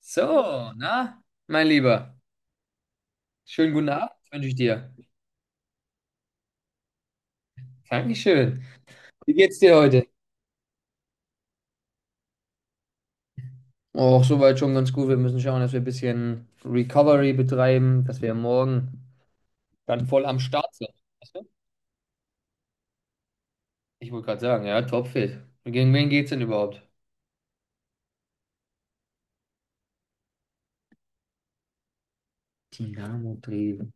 So, na, mein Lieber, schönen guten Abend wünsche ich dir. Dankeschön. Wie geht's dir heute? Auch soweit schon ganz gut. Wir müssen schauen, dass wir ein bisschen Recovery betreiben, dass wir morgen dann voll am Start sind. Weißt du? Ich wollte gerade sagen, ja, topfit. Gegen wen geht's denn überhaupt? Dynamo Dresden.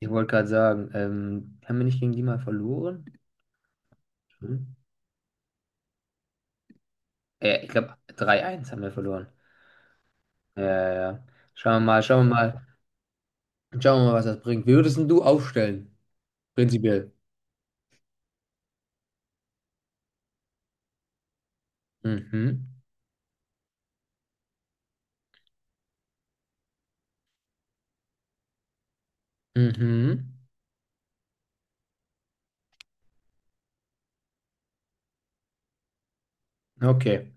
Ich wollte gerade sagen, haben wir nicht gegen die mal verloren? Hm? Ich glaube, 3-1 haben wir verloren. Ja, ja, ja. Schauen wir mal, schauen wir mal. Schauen wir mal, was das bringt. Wie würdest denn du aufstellen? Prinzipiell. Mhm. Mhm. Okay.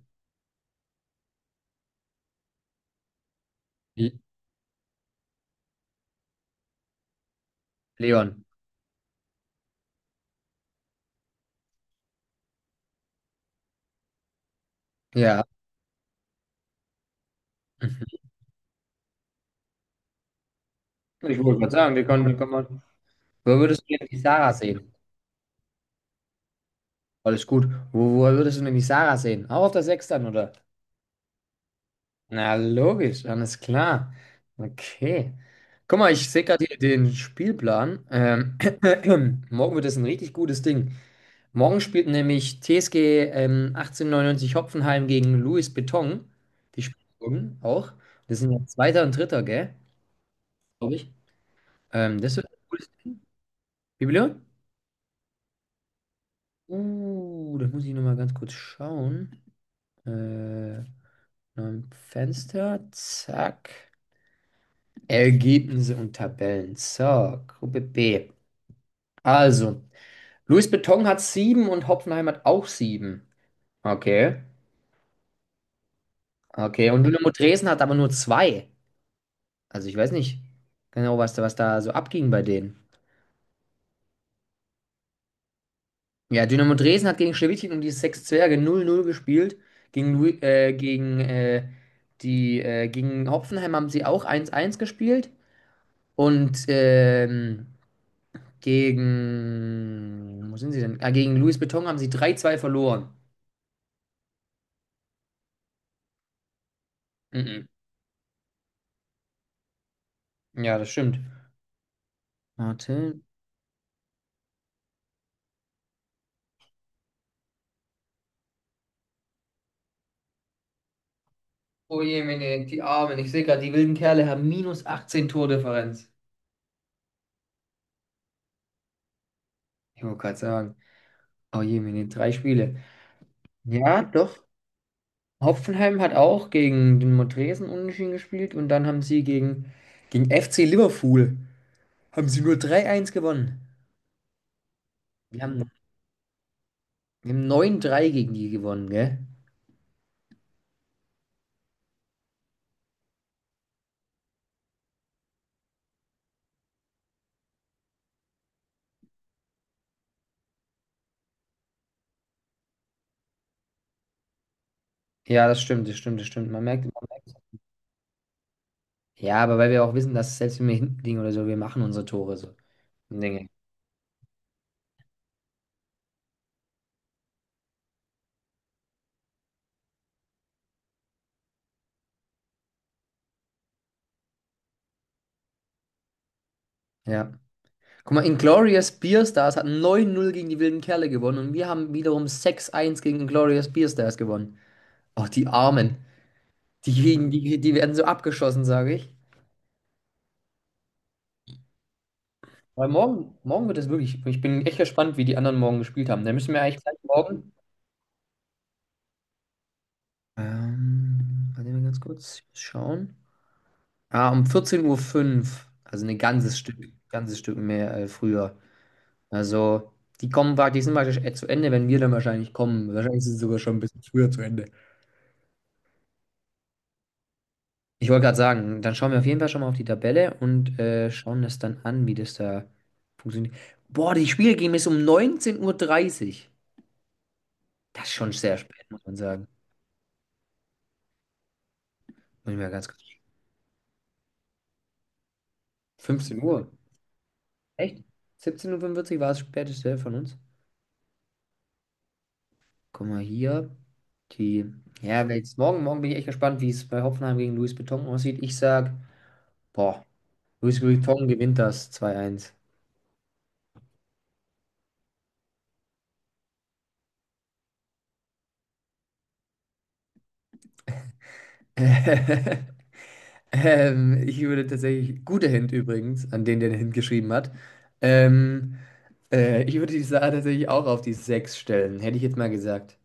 Le- Leon. Ja. Ich wollte gerade sagen, wir können mal. Wo würdest du denn die Sarah sehen? Alles gut. Wo würdest du denn die Sarah sehen? Auch auf der Sechs dann, oder? Na, logisch, alles klar. Okay. Guck mal, ich sehe gerade hier den Spielplan. Morgen wird es ein richtig gutes Ding. Morgen spielt nämlich TSG 1899 Hopfenheim gegen Louis Beton. Die spielen morgen auch. Das sind ja Zweiter und Dritter, gell? Glaube ich. Das wird ein cooles Ding. Wie bitte? Das muss ich nochmal ganz kurz schauen. Äh, Neuen Fenster, zack. Ergebnisse und Tabellen. So, Gruppe B. Also, Louis Beton hat sieben und Hoffenheim hat auch sieben. Okay. Okay, und Dynamo Dresden hat aber nur zwei. Also, ich weiß nicht genau, was da so abging bei denen. Ja, Dynamo Dresden hat gegen Schlewetin und die Sechs Zwerge 0-0 gespielt. Gegen, Lu- gegen, die, gegen Hoffenheim haben sie auch 1-1 gespielt. Und gegen. Wo sind sie denn? Ah, gegen Louis Beton haben sie 3-2 verloren. Mhm. Ja, das stimmt. Warte. Oh je, meine, die Armen. Ich sehe gerade, die wilden Kerle haben minus 18 Tordifferenz. Ich wollte gerade sagen. Oh je, meine, drei Spiele. Ja, doch. Hoffenheim hat auch gegen den Montresen unentschieden gespielt und dann haben sie gegen FC Liverpool haben sie nur 3-1 gewonnen. Wir haben, wir haben 9-3 gegen die gewonnen, gell? Ja, das stimmt, das stimmt, das stimmt. Man merkt, man merkt. Ja, aber weil wir auch wissen, dass selbst wenn wir hinten liegen oder so, wir machen unsere Tore so und Dinge. Ja. Guck mal, Inglourious Basterds hat 9-0 gegen die wilden Kerle gewonnen und wir haben wiederum 6-1 gegen Inglourious Basterds gewonnen. Ach, die Armen. Die werden so abgeschossen, sage ich. Weil morgen, morgen wird es wirklich, ich bin echt gespannt, wie die anderen morgen gespielt haben. Da müssen wir eigentlich gleich morgen. Warte mal ganz kurz, ich muss schauen. Ah, um 14:05 Uhr, fünf, also ein ganzes Stück mehr früher. Also, die kommen praktisch, sind praktisch zu Ende, wenn wir dann wahrscheinlich kommen. Wahrscheinlich sind sie sogar schon ein bisschen früher zu Ende. Ich wollte gerade sagen, dann schauen wir auf jeden Fall schon mal auf die Tabelle und schauen das dann an, wie das da funktioniert. Boah, die Spiele gehen bis um 19:30 Uhr dreißig. Das ist schon sehr spät, muss man sagen. Muss ich mal ganz kurz. 15 Uhr. Echt? 17:45 Uhr fünfundvierzig war das späteste von uns. Guck mal hier. Die. Ja, weil jetzt morgen, morgen bin ich echt gespannt, wie es bei Hoffenheim gegen Luis Beton aussieht. Ich sag, boah, Luis Beton gewinnt das 2-1. Ich würde tatsächlich, guter Hint übrigens, an den, der den Hint geschrieben hat. Ähm, Ich würde die Sache tatsächlich auch auf die 6 stellen, hätte ich jetzt mal gesagt.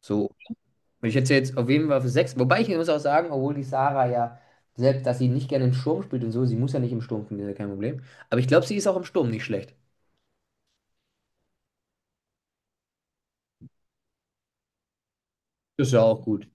So. Ich hätte sie jetzt auf jeden Fall für sechs. Wobei ich muss auch sagen, obwohl die Sarah ja, selbst dass sie nicht gerne im Sturm spielt und so, sie muss ja nicht im Sturm spielen, ist ja kein Problem. Aber ich glaube, sie ist auch im Sturm nicht schlecht. Ist ja auch gut.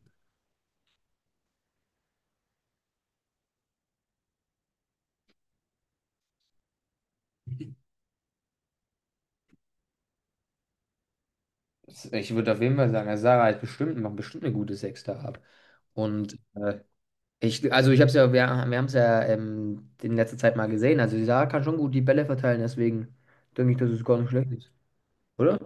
Ich würde auf jeden Fall sagen, also Sarah hat bestimmt, macht bestimmt eine gute Sechs da ab. Und ich, also ich habe es ja, wir haben es ja in letzter Zeit mal gesehen. Also die Sarah kann schon gut die Bälle verteilen, deswegen denke ich, dass es gar nicht schlecht ist, oder?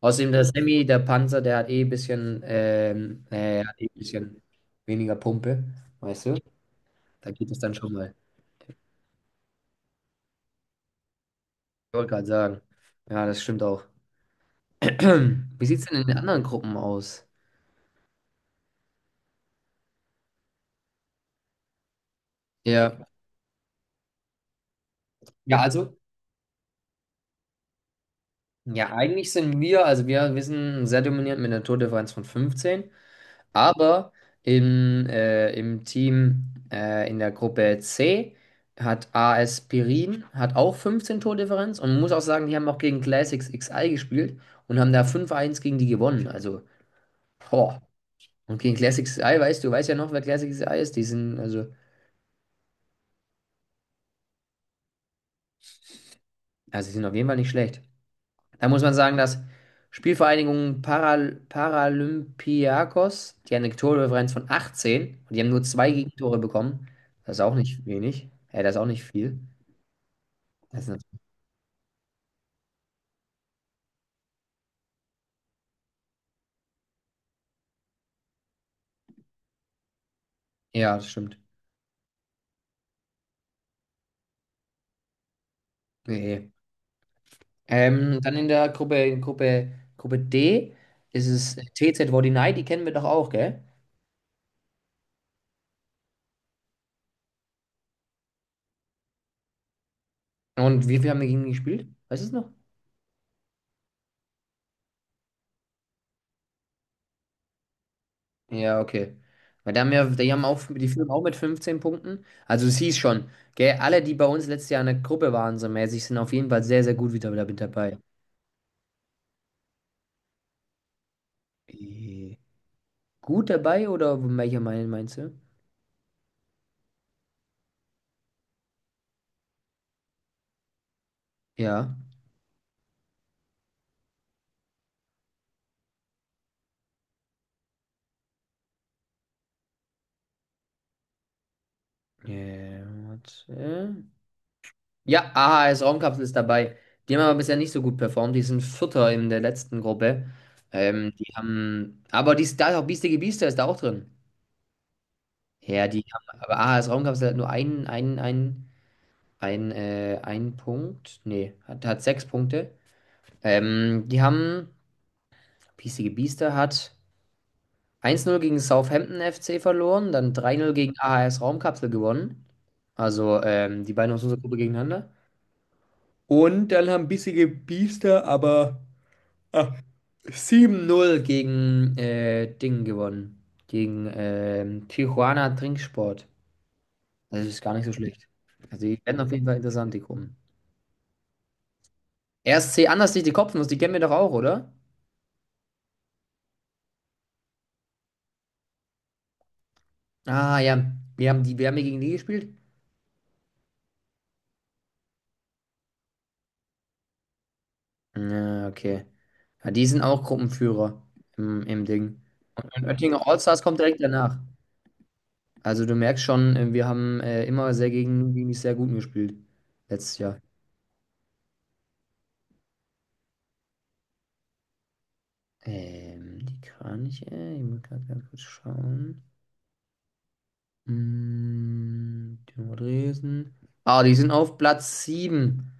Außerdem der Sammy, der Panzer, der hat eh ein bisschen, weniger Pumpe, weißt du? Da geht es dann schon mal. Ich wollte gerade sagen. Ja, das stimmt auch. Wie sieht es denn in den anderen Gruppen aus? Ja. Ja, also, ja, eigentlich sind wir, also wir sind sehr dominierend mit einer Tordifferenz von 15, aber im Team in der Gruppe C hat AS Pirin hat auch 15 Tordifferenz und man muss auch sagen, die haben auch gegen Classics XI gespielt und haben da 5-1 gegen die gewonnen. Also, boah. Und gegen Classics XI, weißt du, weißt ja noch, wer Classics XI ist? Die sind, also. Also, sie sind auf jeden Fall nicht schlecht. Da muss man sagen, dass Spielvereinigung Paralympiakos, die haben eine Tordifferenz von 18 und die haben nur zwei Gegentore bekommen. Das ist auch nicht wenig. Ja, das ist auch nicht viel. Das ist ja, das stimmt. Nee, nee. Dann in der Gruppe, in Gruppe, Gruppe D ist es TZ Wordinei, die kennen wir doch auch, gell? Und wie viel haben wir gegen die gespielt? Weißt du es noch? Ja, okay. Weil da haben ja, die haben auch, die führen auch mit 15 Punkten. Also es hieß schon, gell, alle, die bei uns letztes Jahr in der Gruppe waren, so mäßig, sind auf jeden Fall sehr, sehr gut wieder mit dabei. Äh, Gut dabei oder welcher Meinung meinst du? Ja. Äh, warte. Ja, AHS Raumkapsel ist dabei. Die haben aber bisher nicht so gut performt. Die sind Vierter in der letzten Gruppe. Die haben, aber die ist da ist auch Biestige Biester ist da auch drin. Ja, die haben, aber AHS Raumkapsel hat nur einen. Ein Punkt. Nee, hat sechs Punkte. Ähm, die haben, Piesige Biester hat 1-0 gegen Southampton FC verloren, dann 3-0 gegen AHS Raumkapsel gewonnen. Also die beiden aus unserer Gruppe gegeneinander. Und dann haben Bissige Biester aber ah, 7-0 gegen Ding gewonnen. Gegen Tijuana Trinksport. Das ist gar nicht so schlecht. Also die werden auf jeden Fall interessant, die Gruppen. RSC Anderslicht, die Kopfnuss, die kennen wir doch auch, oder? Ah, ja. Wir haben die, wir haben ja gegen die gespielt? Ja, okay. Ja, die sind auch Gruppenführer im Ding. Und Oettinger Allstars kommt direkt danach. Also du merkst schon, wir haben immer sehr gegen die sehr guten gespielt. Letztes Jahr. Die Kraniche, ich muss gerade ganz kurz schauen. Dynamo Dresden. Ah, die sind auf Platz 7.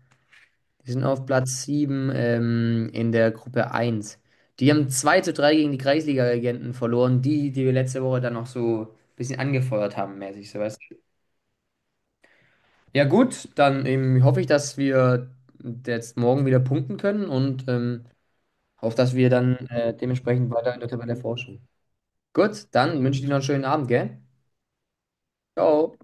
Die sind auf Platz 7 in der Gruppe eins. Die haben 2-3 gegen die Kreisliga-Regenten verloren, die, die wir letzte Woche dann noch so ein bisschen angefeuert haben, mäßig, so weißt du. Ja, gut, dann hoffe ich, dass wir jetzt morgen wieder punkten können und hoffe, dass wir dann dementsprechend weiter in der Tabelle forschen. Gut, dann wünsche ich dir noch einen schönen Abend, gell? Ciao.